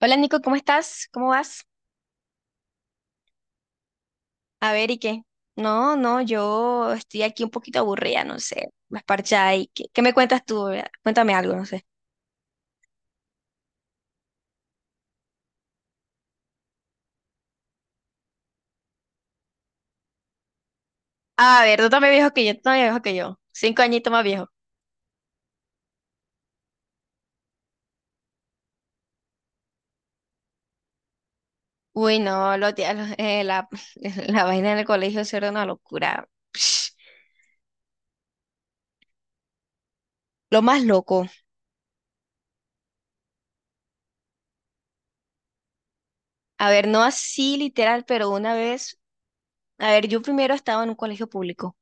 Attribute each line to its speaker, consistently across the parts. Speaker 1: Hola, Nico, ¿cómo estás? ¿Cómo vas? A ver, ¿y qué? No, yo estoy aquí un poquito aburrida, no sé, más parchada. ¿Y qué, qué me cuentas tú? Vea, cuéntame algo, no sé. A ver, tú también viejo que yo, tú también viejo que yo. Cinco añitos más viejo. Uy, no, lo, tía- lo- la, la vaina en el colegio eso era una locura. Psh, lo más loco. A ver, no así literal, pero una vez, a ver, yo primero estaba en un colegio público.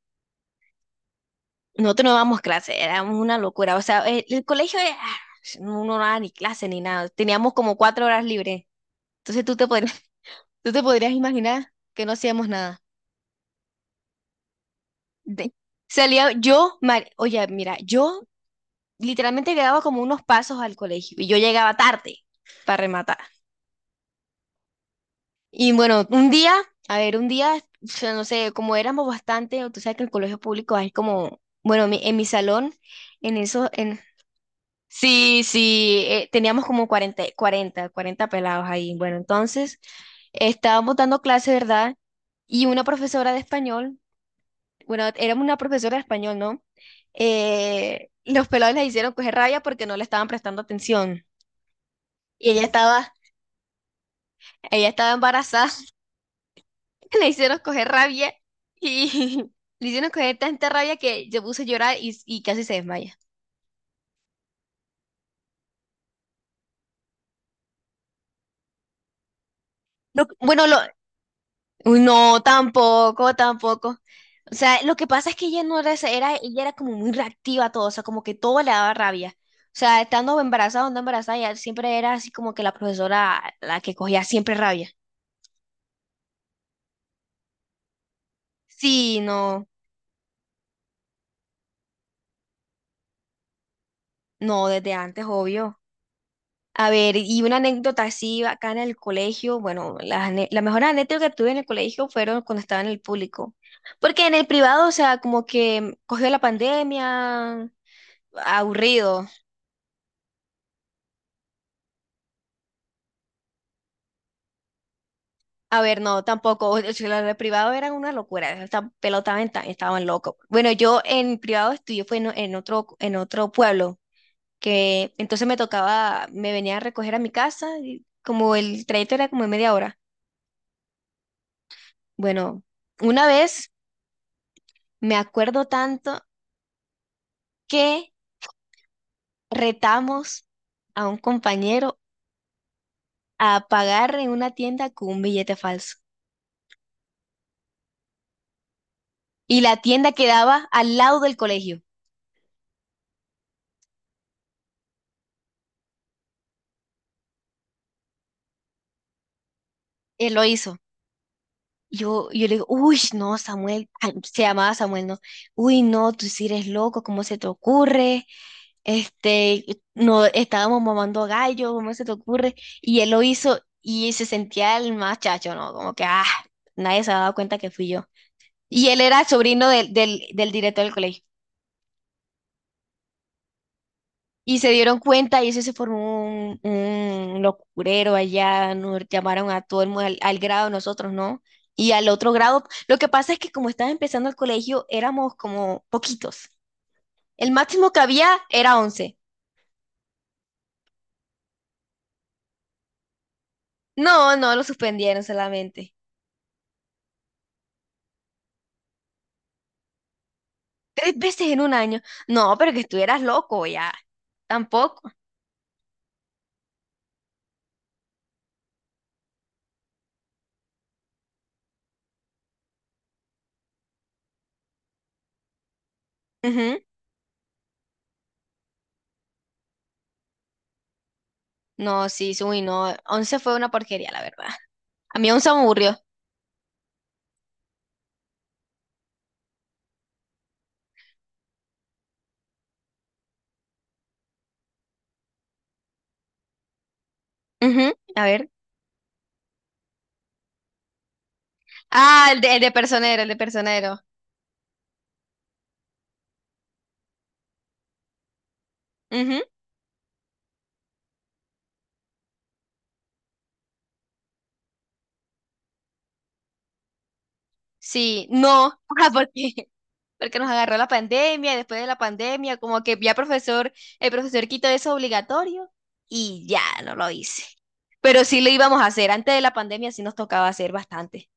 Speaker 1: Nosotros no dábamos clase, éramos una locura. O sea, el colegio, no, no daba ni clase ni nada. Teníamos como cuatro horas libres. Entonces tú te podrías imaginar que no hacíamos nada. De- salía yo, oye, mira, yo literalmente quedaba como unos pasos al colegio y yo llegaba tarde para rematar. Y bueno, un día, a ver, un día, o sea, no sé, como éramos bastante, tú sabes que el colegio público es como, bueno, en mi salón, en esos, en sí, sí, teníamos como 40 pelados ahí. Bueno, entonces estábamos dando clase, ¿verdad? Y una profesora de español, bueno, éramos una profesora de español, ¿no? Los pelados les hicieron coger rabia porque no le estaban prestando atención. Y ella estaba embarazada, le hicieron coger rabia y le hicieron coger tanta rabia que se puso a llorar y casi se desmaya. Lo- bueno, lo, Uy, no, tampoco, tampoco. O sea, lo que pasa es que ella no era, esa- era, ella era como muy reactiva a todo, o sea, como que todo le daba rabia. O sea, estando embarazada o no embarazada, ella siempre era así como que la profesora la que cogía siempre rabia. Sí, no, no, desde antes, obvio. A ver, y una anécdota así acá en el colegio, bueno, la mejor anécdota que tuve en el colegio fueron cuando estaba en el público. Porque en el privado, o sea, como que cogió la pandemia, aburrido. A ver, no, tampoco. O sea, los de privado eran una locura. Esta pelota estaban locos. Bueno, yo en privado estudié fue en otro pueblo, que entonces me tocaba, me venía a recoger a mi casa, y como el trayecto era como de media hora. Bueno, una vez me acuerdo tanto que retamos a un compañero a pagar en una tienda con un billete falso. Y la tienda quedaba al lado del colegio. Él lo hizo. Yo le digo, uy, no, Samuel, ah, se llamaba Samuel, ¿no? Uy, no, tú sí eres loco, ¿cómo se te ocurre? Este, no, estábamos mamando gallo, ¿cómo se te ocurre? Y él lo hizo y se sentía el más chacho, ¿no? Como que, ah, nadie se había dado cuenta que fui yo. Y él era el sobrino del director del colegio. Y se dieron cuenta y eso se formó un locurero allá, nos llamaron a todo el mundo al, al grado nosotros, ¿no? Y al otro grado, lo que pasa es que como estaba empezando el colegio, éramos como poquitos. El máximo que había era once. No, no, lo suspendieron solamente. Tres veces en un año. No, pero que estuvieras loco ya. Tampoco. Ujú. No, sí, sí, uy, no. Once fue una porquería, la verdad. A mí 11 me aburrió. Ujú. A ver. Ah, el de personero, el de personero. Ujú. Sí, no, ajá, porque, porque nos agarró la pandemia, y después de la pandemia, como que ya profesor, el profesor quitó eso obligatorio y ya no lo hice. Pero sí lo íbamos a hacer, antes de la pandemia sí nos tocaba hacer bastante.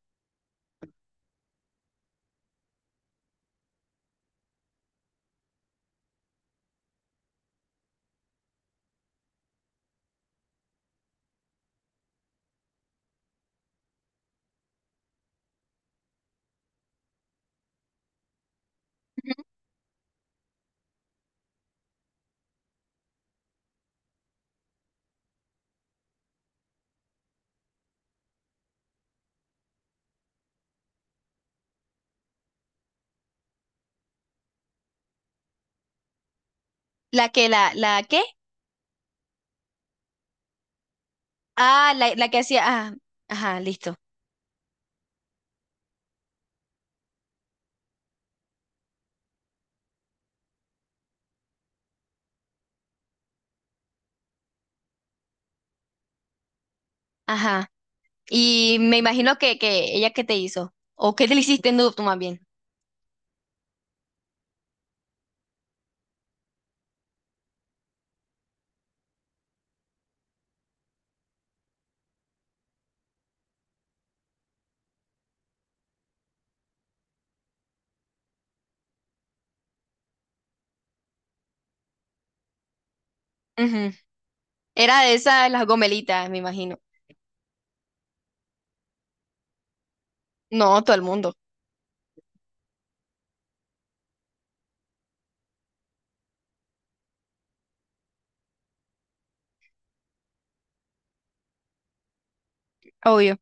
Speaker 1: La que, la qué ah, la que hacía, ah, ajá, listo, ajá. Y me imagino que ella que te hizo, o que te le hiciste en tú más bien. Ujú. Era de esas, las gomelitas, me imagino. No, todo el mundo, obvio.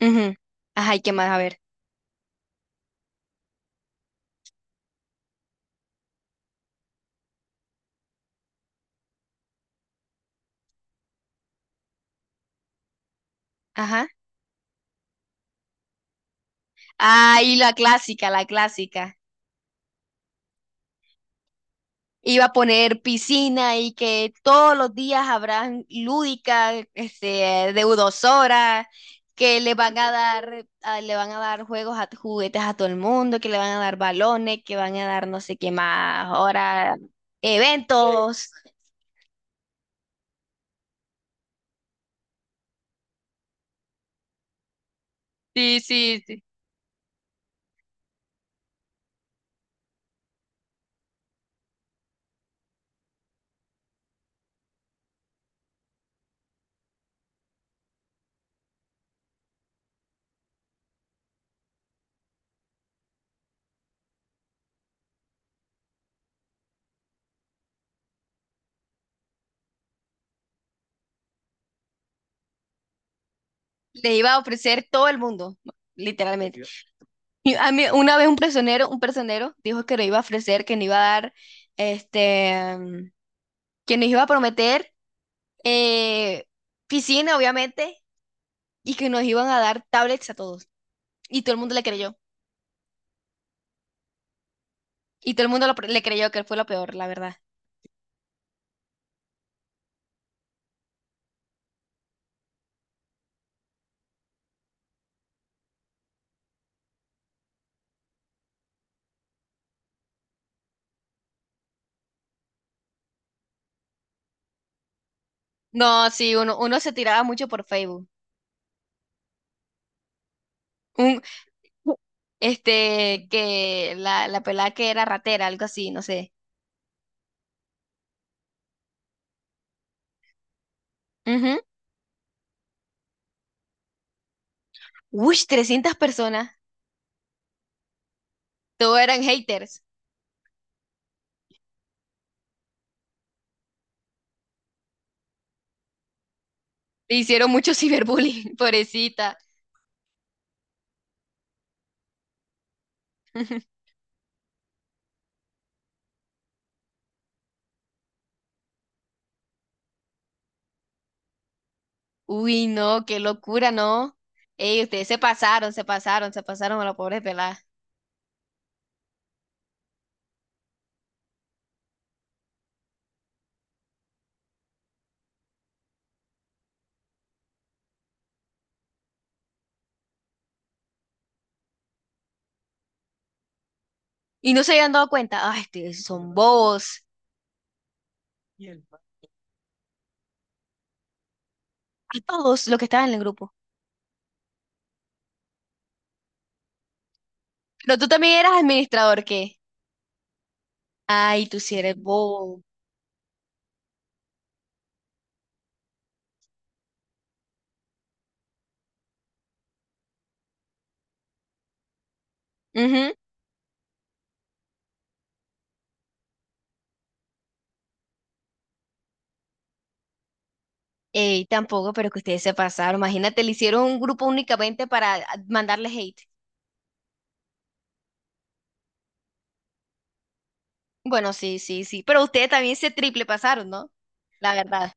Speaker 1: Ujú. Ajá, ¿y qué más? A ver. Ajá. Ah, y la clásica, la clásica. Iba a poner piscina y que todos los días habrán lúdica, este, deudosora, que le van a dar, le van a dar juegos a juguetes a todo el mundo, que le van a dar balones, que van a dar no sé qué más, ahora eventos. Sí, sí, sí. Le iba a ofrecer todo el mundo, literalmente. Y a mí, una vez un personero dijo que no iba a ofrecer, que no iba a dar, este, que nos iba a prometer eh, piscina, obviamente, y que nos iban a dar tablets a todos. Y todo el mundo le creyó. Y todo el mundo le creyó que fue lo peor, la verdad. No, sí, uno se tiraba mucho por Facebook. Un, este, que la pelada que era ratera, algo así, no sé. Ujú. Uy, 300 personas. Todos eran haters. Le hicieron mucho ciberbullying, pobrecita. Uy, no, qué locura, ¿no? Ey, ustedes se pasaron, se pasaron, se pasaron a la pobre pelada. Y no se habían dado cuenta. Ay, ustedes son bobos. A todos los que estaban en el grupo. Pero tú también eras administrador, ¿qué? Ay, tú sí eres bobo. Ujú. Ey, tampoco, pero que ustedes se pasaron. Imagínate, le hicieron un grupo únicamente para ah, mandarle hate. Bueno, sí, sí, sí. Pero ustedes también se triple pasaron, ¿no? La verdad.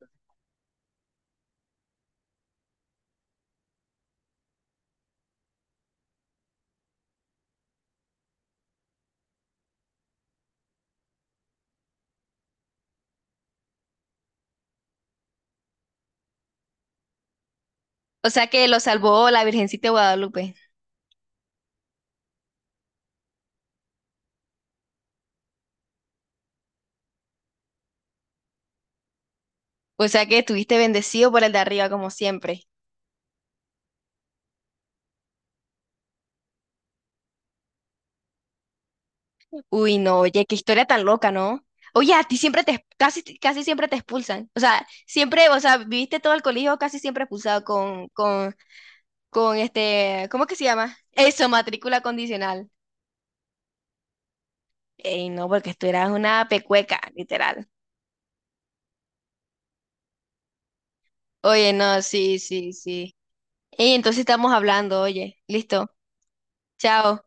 Speaker 1: O sea que lo salvó la Virgencita de Guadalupe. O sea que estuviste bendecido por el de arriba, como siempre. Uy, no, oye, qué historia tan loca, ¿no? Oye, a ti siempre te, casi, casi siempre te expulsan. O sea, siempre, o sea, viviste todo el colegio casi siempre expulsado con este, ¿cómo que se llama? Eso, matrícula condicional. Ey, no, porque tú eras una pecueca, literal. Oye, no, sí, sí, sí. Ey, entonces estamos hablando, oye, listo. Chao.